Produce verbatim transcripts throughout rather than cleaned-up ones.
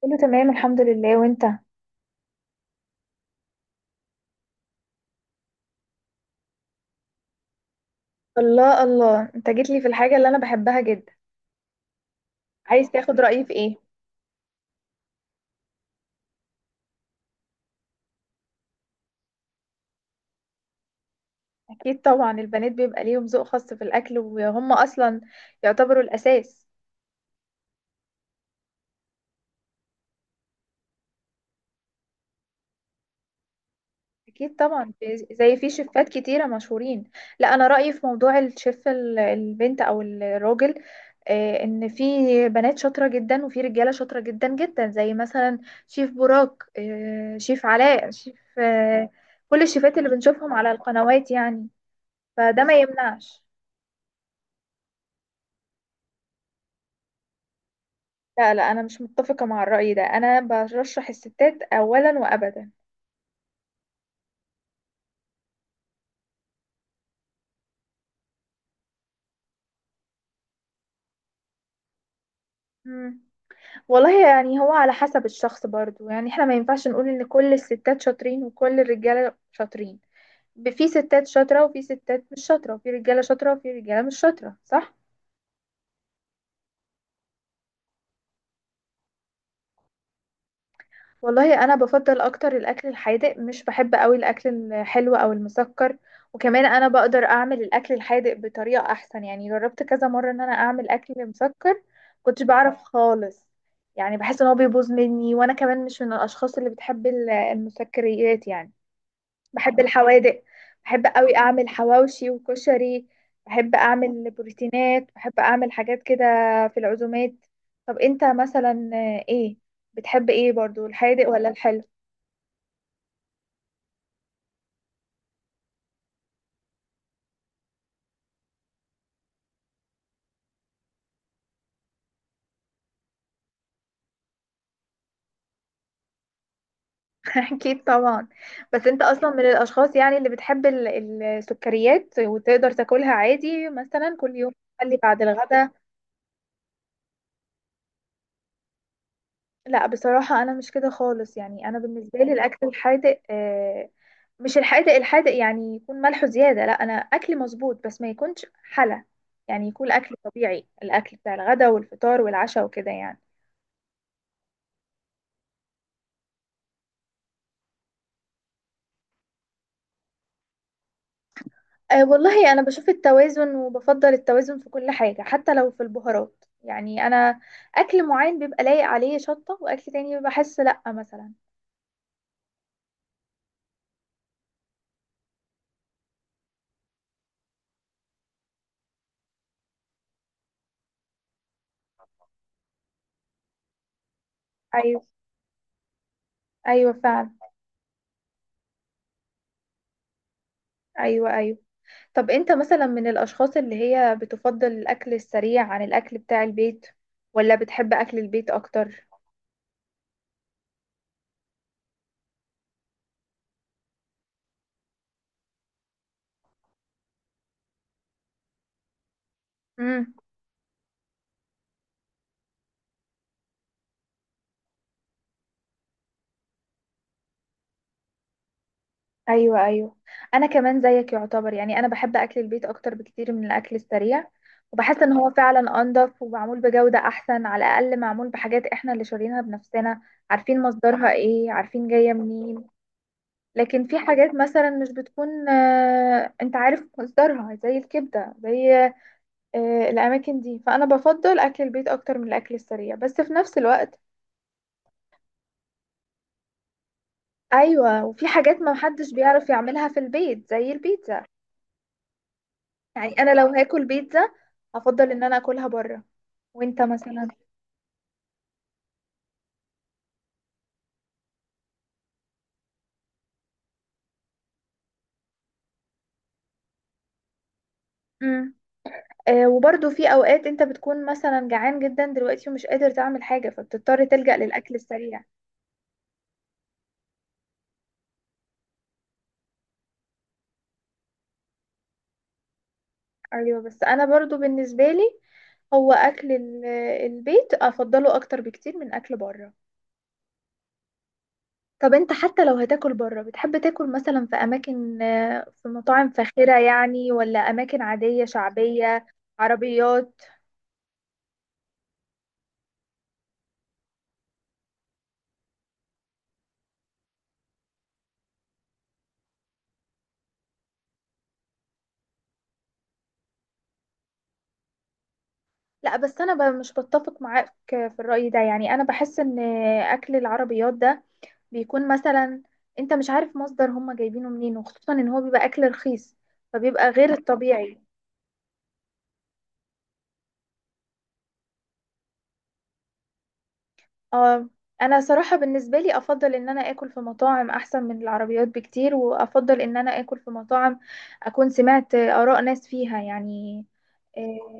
كله تمام الحمد لله وانت. الله الله انت جيت لي في الحاجة اللي انا بحبها جدا. عايز تاخد رأيي في ايه؟ اكيد طبعا البنات بيبقى ليهم ذوق خاص في الاكل وهم اصلا يعتبروا الاساس. اكيد طبعا، زي في شيفات كتيرة مشهورين. لا انا رأيي في موضوع الشيف ال- البنت او الراجل، آه، ان في بنات شاطرة جدا وفي رجالة شاطرة جدا جدا، زي مثلا شيف براك، آه، شيف علاء، شيف، آه، كل الشيفات اللي بنشوفهم على القنوات يعني. فده ما يمنعش. لا لا انا مش متفقة مع الرأي ده، انا برشح الستات اولا وابدا. مم. والله يعني هو على حسب الشخص برضو، يعني احنا ما ينفعش نقول ان كل الستات شاطرين وكل الرجالة شاطرين. ب- في ستات شاطرة وفي ستات مش شاطرة وفي رجالة شاطرة وفي رجالة مش شاطرة، صح. والله انا بفضل اكتر الاكل الحادق، مش بحب قوي الاكل الحلو او المسكر. وكمان انا بقدر اعمل الاكل الحادق بطريقه احسن. يعني جربت كذا مره ان انا اعمل اكل مسكر كنتش بعرف خالص. يعني بحس ان هو بيبوظ مني، وانا كمان مش من الاشخاص اللي بتحب ال- المسكريات يعني. بحب الحوادق. بحب قوي اعمل حواوشي وكشري. بحب اعمل بروتينات. بحب اعمل حاجات كده في العزومات. طب انت مثلا، آه، ايه بتحب ايه برضو، الحادق ولا الحلو؟ اكيد طبعا. بس انت اصلا من الاشخاص يعني اللي بتحب ال- السكريات، وتقدر تاكلها عادي مثلا كل يوم، تخلي بعد الغدا. لا بصراحة انا مش كده خالص. يعني انا بالنسبة لي الاكل الحادق، آه، مش الحادق الحادق يعني يكون ملحه زيادة، لا أنا أكلي مظبوط، بس ما يكونش حلا. يعني يكون الأكل طبيعي، الأكل بتاع الغداء والفطار والعشاء وكده يعني. أه والله أنا بشوف التوازن، وبفضل التوازن في كل حاجة حتى لو في البهارات. يعني أنا أكل معين بيبقى لايق عليه شطة، وأكل تاني بحس لأ مثلا. أيوه أيوه فعلا. أيوه أيوه. طب أنت مثلا من الأشخاص اللي هي بتفضل الأكل السريع عن الأكل بتاع البيت، ولا بتحب أكل البيت أكتر؟ مم. ايوه ايوه. انا كمان زيك يعتبر، يعني انا بحب اكل البيت اكتر بكتير من الاكل السريع. وبحس ان هو فعلا انضف ومعمول بجودة احسن، على الاقل معمول بحاجات احنا اللي شارينها بنفسنا، عارفين مصدرها ايه، عارفين جاية منين. لكن في حاجات مثلا مش بتكون، آه، انت عارف مصدرها، زي الكبدة، زي، آه، الاماكن دي. فانا بفضل اكل البيت اكتر من الاكل السريع، بس في نفس الوقت ايوه، وفي حاجات ما محدش بيعرف يعملها في البيت زي البيتزا. يعني انا لو هاكل بيتزا هفضل ان انا اكلها بره. وانت مثلا؟ امم آه، وبرضو في اوقات انت بتكون مثلا جعان جدا دلوقتي ومش قادر تعمل حاجه، فبتضطر تلجأ للاكل السريع. ايوه بس انا برضو بالنسبه لي هو اكل ال- البيت افضله اكتر بكتير من اكل بره. طب انت حتى لو هتاكل بره، بتحب تاكل مثلا في اماكن، آه، في مطاعم فاخره يعني، ولا اماكن عاديه شعبيه؟ عربيات؟ لا بس انا ب- مش بتفق معاك في الرأي ده. يعني انا بحس ان اكل العربيات ده بيكون مثلا انت مش عارف مصدر هم جايبينه منين، وخصوصا ان هو بيبقى اكل رخيص، فبيبقى غير الطبيعي. اه، انا صراحة بالنسبة لي افضل ان انا اكل في مطاعم احسن من العربيات بكتير، وافضل ان انا اكل في مطاعم اكون سمعت اراء ناس فيها يعني. آه،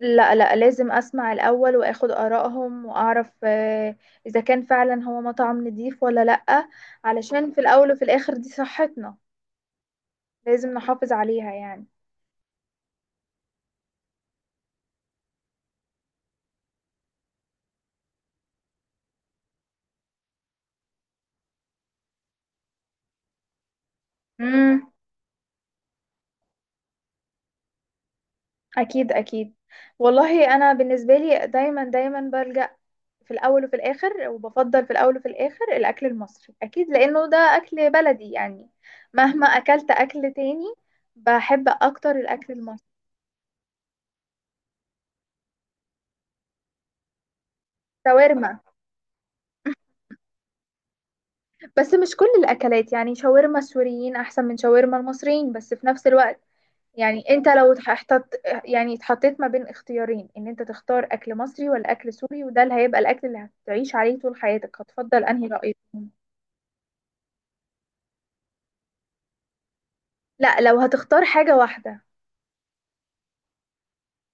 لا لا، لازم اسمع الاول واخد ارائهم واعرف، آه، اذا كان فعلا هو مطعم نضيف ولا لا، علشان في الاول وفي الاخر دي صحتنا، لازم نحافظ عليها يعني. امم اكيد اكيد. والله انا بالنسبه لي دايما دايما بلجأ في الاول وفي الاخر، وبفضل في الاول وفي الاخر الاكل المصري، اكيد لانه ده اكل بلدي يعني. مهما اكلت اكل تاني بحب اكتر الاكل المصري. شاورما، بس مش كل الاكلات. يعني شاورما السوريين احسن من شاورما المصريين، بس في نفس الوقت يعني انت لو احتط، يعني اتحطيت ما بين اختيارين ان انت تختار اكل مصري ولا اكل سوري، وده اللي هيبقى الاكل اللي هتعيش عليه طول حياتك، هتفضل انهي رأيك؟ لا لو هتختار حاجة واحدة.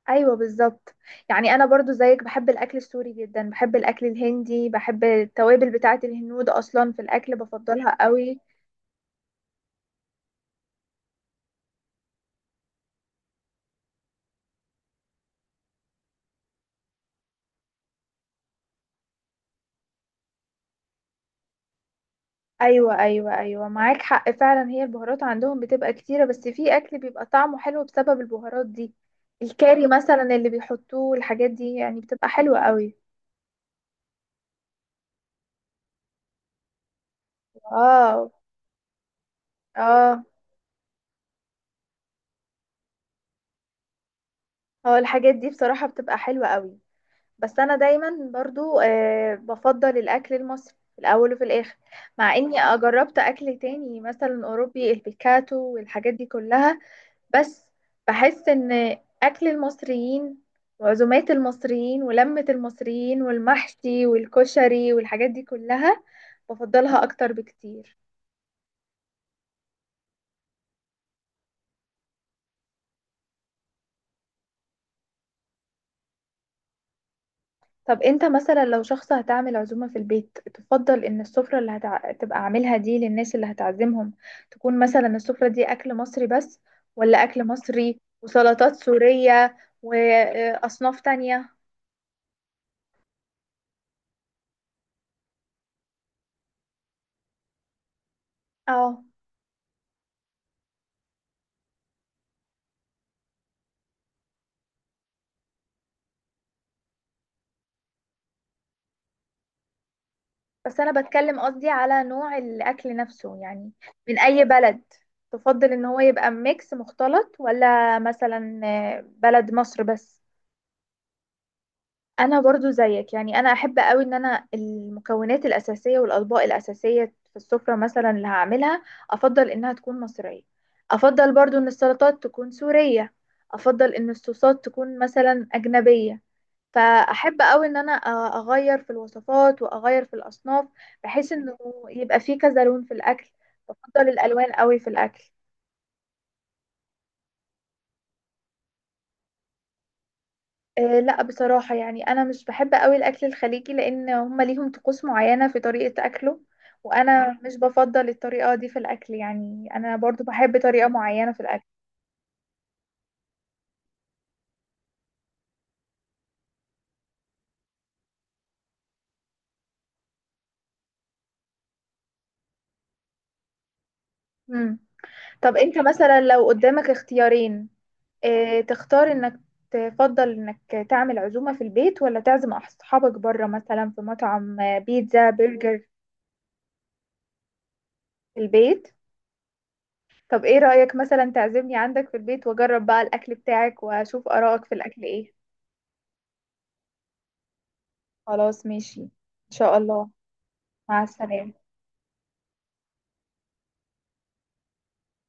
ايوه بالظبط. يعني انا برضو زيك بحب الاكل السوري جدا، بحب الاكل الهندي، بحب التوابل بتاعه الهنود اصلا في الاكل بفضلها قوي. ايوه ايوه ايوه، معاك حق فعلا، هي البهارات عندهم بتبقى كتيره، بس في اكل بيبقى طعمه حلو بسبب البهارات دي. الكاري مثلا اللي بيحطوه، الحاجات دي يعني بتبقى حلوه قوي. اه اه اه، الحاجات دي بصراحه بتبقى حلوه قوي. بس انا دايما برضو آه بفضل الاكل المصري في الاول وفي الاخر، مع اني جربت اكل تاني مثلا اوروبي، البيكاتو والحاجات دي كلها. بس بحس ان اكل المصريين وعزومات المصريين ولمة المصريين والمحشي والكشري والحاجات دي كلها بفضلها اكتر بكتير. طب انت مثلا لو شخص هتعمل عزومة في البيت، تفضل ان السفرة اللي هتع... تبقى عاملها دي للناس اللي هتعزمهم، تكون مثلا السفرة دي اكل مصري بس، ولا اكل مصري وسلطات سورية واصناف تانية؟ اه بس انا بتكلم قصدي على نوع الاكل نفسه، يعني من اي بلد، تفضل ان هو يبقى ميكس مختلط ولا مثلا، آه، بلد مصر بس؟ انا برضو زيك، يعني انا احب قوي ان انا المكونات الاساسيه والاطباق الاساسيه في السفره مثلا اللي هعملها، افضل انها تكون مصريه، افضل برضو ان السلطات تكون سوريه، افضل ان الصوصات تكون مثلا اجنبيه. فاحب قوي ان انا أ- اغير في الوصفات واغير في الاصناف، بحيث انه يبقى في كذا لون في الاكل. بفضل الالوان قوي في الاكل. أه لا بصراحة، يعني انا مش بحب قوي الاكل الخليجي، لان هم ليهم طقوس معينة في طريقة اكله، وانا مش بفضل الطريقة دي في الاكل. يعني انا برضو بحب طريقة معينة في الاكل. مم. طب انت مثلا لو قدامك اختيارين، اه تختار انك تفضل انك تعمل عزومة في البيت، ولا تعزم اصحابك بره مثلا في مطعم، آه، بيتزا برجر؟ في البيت. طب ايه رأيك مثلا تعزمني عندك في البيت، واجرب بقى الاكل بتاعك واشوف آرائك في الاكل ايه؟ خلاص ماشي، ان شاء الله. مع السلامة.